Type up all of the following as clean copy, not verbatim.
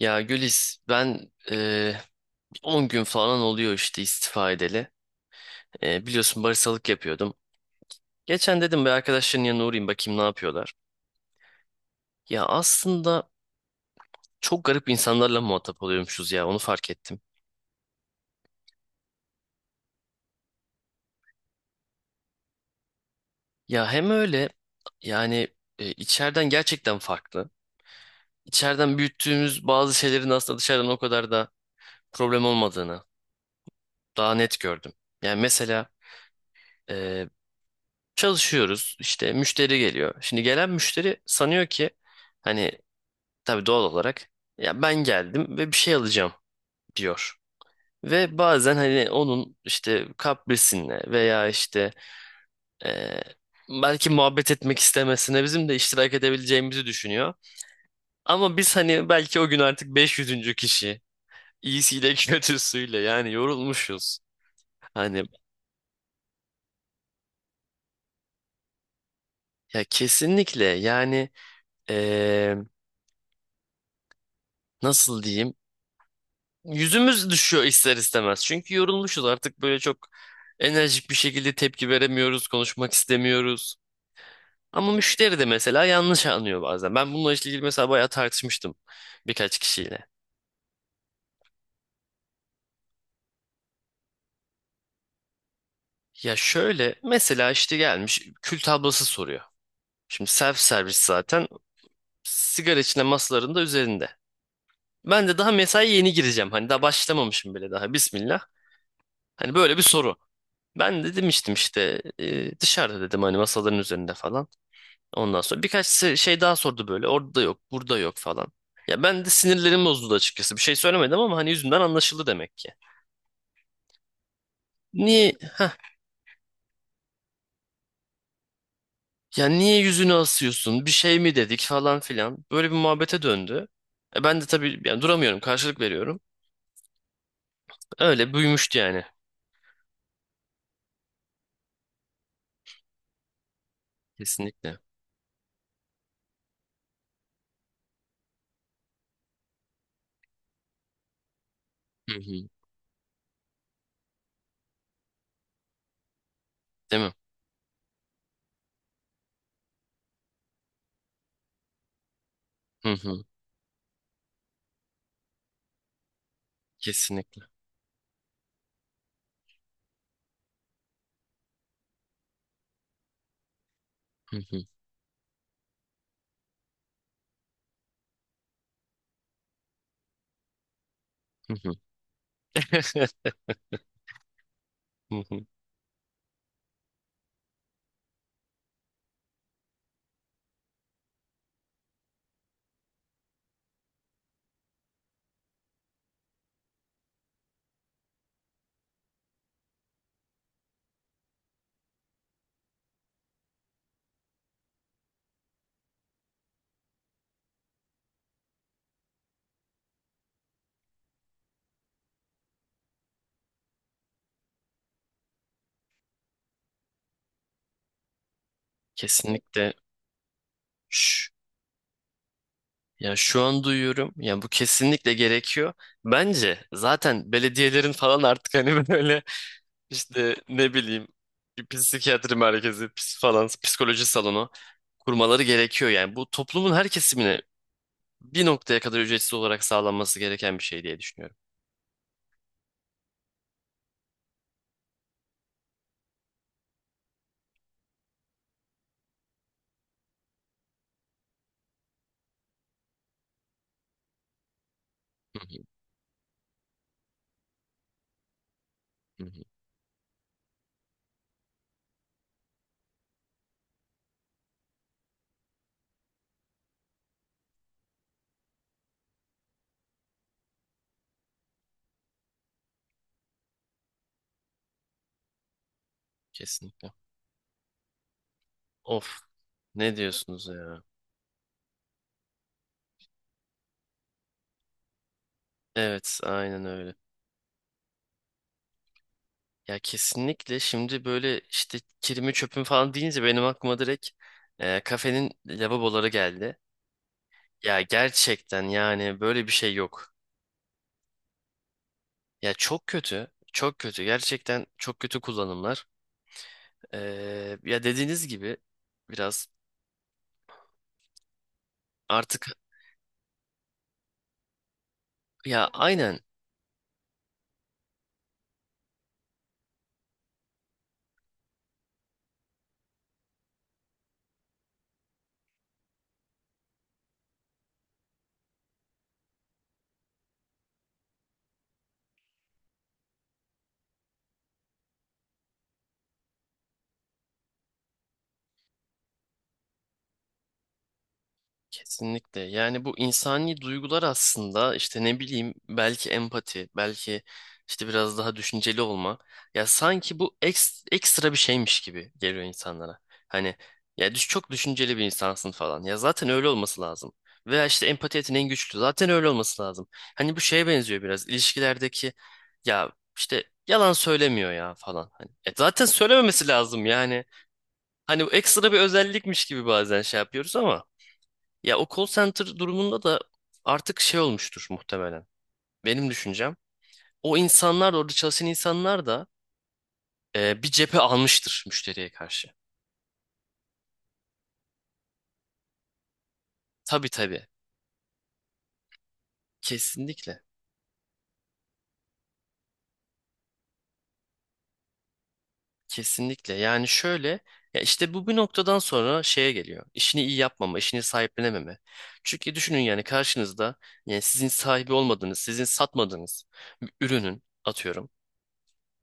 Ya Gülis ben 10 gün falan oluyor işte istifa edeli. Biliyorsun baristalık yapıyordum. Geçen dedim bir arkadaşların yanına uğrayayım bakayım ne yapıyorlar. Ya aslında çok garip insanlarla muhatap oluyormuşuz ya, onu fark ettim. Ya hem öyle, yani içeriden gerçekten farklı. İçeriden büyüttüğümüz bazı şeylerin aslında dışarıdan o kadar da problem olmadığını daha net gördüm. Yani mesela eee, çalışıyoruz işte, müşteri geliyor. Şimdi gelen müşteri sanıyor ki, hani, tabii doğal olarak, ya ben geldim ve bir şey alacağım, diyor. Ve bazen hani onun işte kaprisinle veya işte eee, belki muhabbet etmek istemesine bizim de iştirak edebileceğimizi düşünüyor. Ama biz hani belki o gün artık 500. kişi, iyisiyle kötüsüyle yani yorulmuşuz. Hani, ya kesinlikle yani, eee, nasıl diyeyim, yüzümüz düşüyor ister istemez. Çünkü yorulmuşuz artık, böyle çok enerjik bir şekilde tepki veremiyoruz, konuşmak istemiyoruz. Ama müşteri de mesela yanlış anlıyor bazen. Ben bununla ilgili mesela bayağı tartışmıştım birkaç kişiyle. Ya şöyle, mesela işte gelmiş kül tablası soruyor. Şimdi self servis zaten, sigara içine masaların da üzerinde. Ben de daha mesai yeni gireceğim. Hani daha başlamamışım bile daha. Bismillah. Hani böyle bir soru. Ben de demiştim işte, dışarıda dedim, hani masaların üzerinde falan. Ondan sonra birkaç şey daha sordu böyle. Orada yok, burada yok falan. Ya ben de sinirlerim bozuldu açıkçası. Bir şey söylemedim ama hani yüzümden anlaşıldı demek ki. Niye ya, niye yüzünü asıyorsun? Bir şey mi dedik falan filan. Böyle bir muhabbete döndü. Ben de tabii yani duramıyorum, karşılık veriyorum. Öyle büyümüştü yani. Kesinlikle. Hı hı. Değil mi? Hı hı. Kesinlikle. Hı hı. Hı hı. Hı hı. Kesinlikle. Şş. Ya şu an duyuyorum. Ya bu kesinlikle gerekiyor. Bence zaten belediyelerin falan artık hani böyle işte, ne bileyim, bir psikiyatri merkezi, falan, psikoloji salonu kurmaları gerekiyor. Yani bu toplumun her kesimine bir noktaya kadar ücretsiz olarak sağlanması gereken bir şey diye düşünüyorum. Hı hı, hı hı. Kesinlikle. Of. Ne diyorsunuz ya? Evet, aynen öyle. Ya kesinlikle, şimdi böyle işte kirimi çöpüm falan deyince benim aklıma direkt kafenin lavaboları geldi. Ya gerçekten yani böyle bir şey yok. Ya çok kötü, çok kötü. Gerçekten çok kötü kullanımlar. Ya dediğiniz gibi biraz artık, ya aynen. Kesinlikle. Yani bu insani duygular aslında işte, ne bileyim, belki empati, belki işte biraz daha düşünceli olma. Ya sanki bu ekstra bir şeymiş gibi geliyor insanlara. Hani, ya çok düşünceli bir insansın falan. Ya zaten öyle olması lazım. Veya işte empati yeteneğin güçlü. Zaten öyle olması lazım. Hani bu şeye benziyor, biraz ilişkilerdeki, ya işte yalan söylemiyor ya falan. Hani, zaten söylememesi lazım yani. Hani bu ekstra bir özellikmiş gibi bazen şey yapıyoruz ama. Ya o call center durumunda da artık şey olmuştur muhtemelen. Benim düşüncem. O insanlar da orada çalışan insanlar da bir cephe almıştır müşteriye karşı. Tabii, tabii. Kesinlikle. Kesinlikle. Yani şöyle, ya işte bu bir noktadan sonra şeye geliyor. İşini iyi yapmama, işini sahiplenememe. Çünkü düşünün, yani karşınızda, yani sizin sahibi olmadığınız, sizin satmadığınız bir ürünün, atıyorum,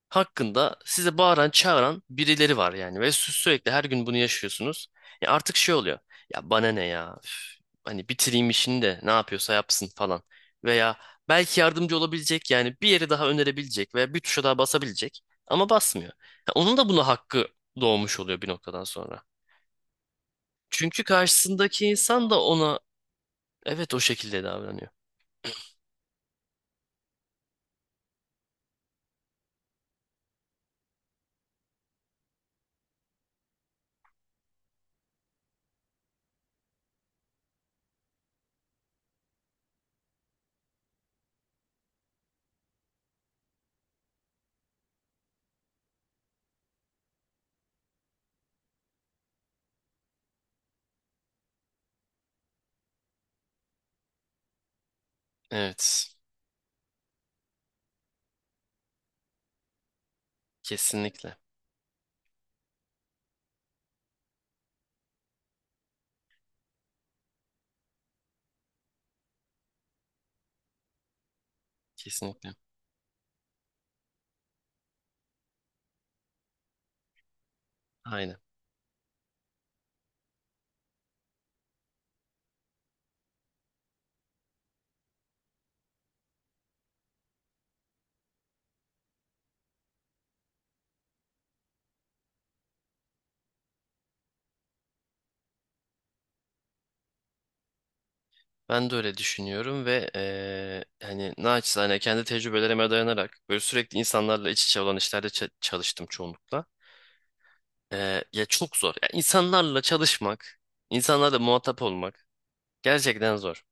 hakkında size bağıran çağıran birileri var yani, ve sürekli her gün bunu yaşıyorsunuz. Ya artık şey oluyor, ya bana ne, ya üf, hani bitireyim işini de ne yapıyorsa yapsın falan, veya belki yardımcı olabilecek, yani bir yeri daha önerebilecek veya bir tuşa daha basabilecek ama basmıyor. Ya onun da buna hakkı doğmuş oluyor bir noktadan sonra. Çünkü karşısındaki insan da ona, evet, o şekilde davranıyor. Evet, kesinlikle, kesinlikle, aynen. Ben de öyle düşünüyorum ve hani naçizane kendi tecrübelerime dayanarak böyle sürekli insanlarla iç içe olan işlerde çalıştım çoğunlukla. Ya çok zor. Ya insanlarla çalışmak, insanlarla muhatap olmak gerçekten zor.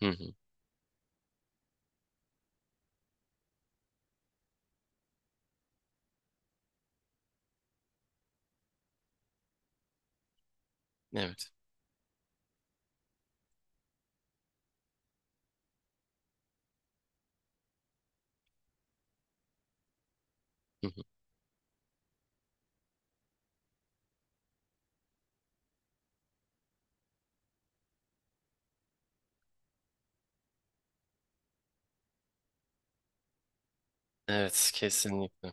Hı hı. Evet. Hı hı. Evet, kesinlikle.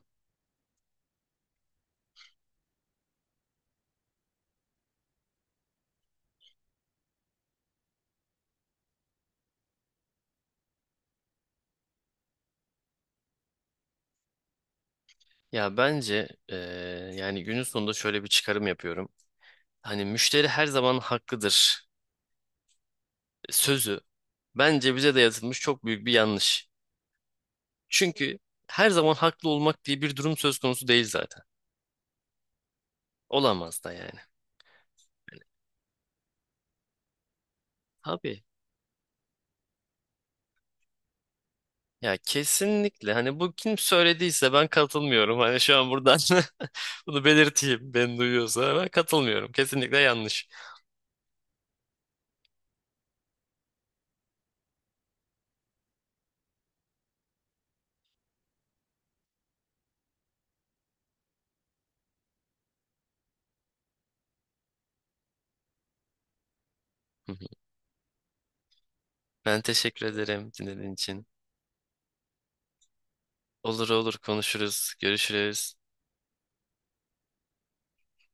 Ya bence yani günün sonunda şöyle bir çıkarım yapıyorum. Hani müşteri her zaman haklıdır sözü bence bize dayatılmış çok büyük bir yanlış. Çünkü her zaman haklı olmak diye bir durum söz konusu değil zaten. Olamaz da yani. Abi, ya kesinlikle, hani bu kim söylediyse ben katılmıyorum. Hani şu an buradan bunu belirteyim. Ben duyuyorsa ben katılmıyorum. Kesinlikle yanlış. Hı hı. Ben teşekkür ederim dinlediğin için. Olur olur, konuşuruz, görüşürüz.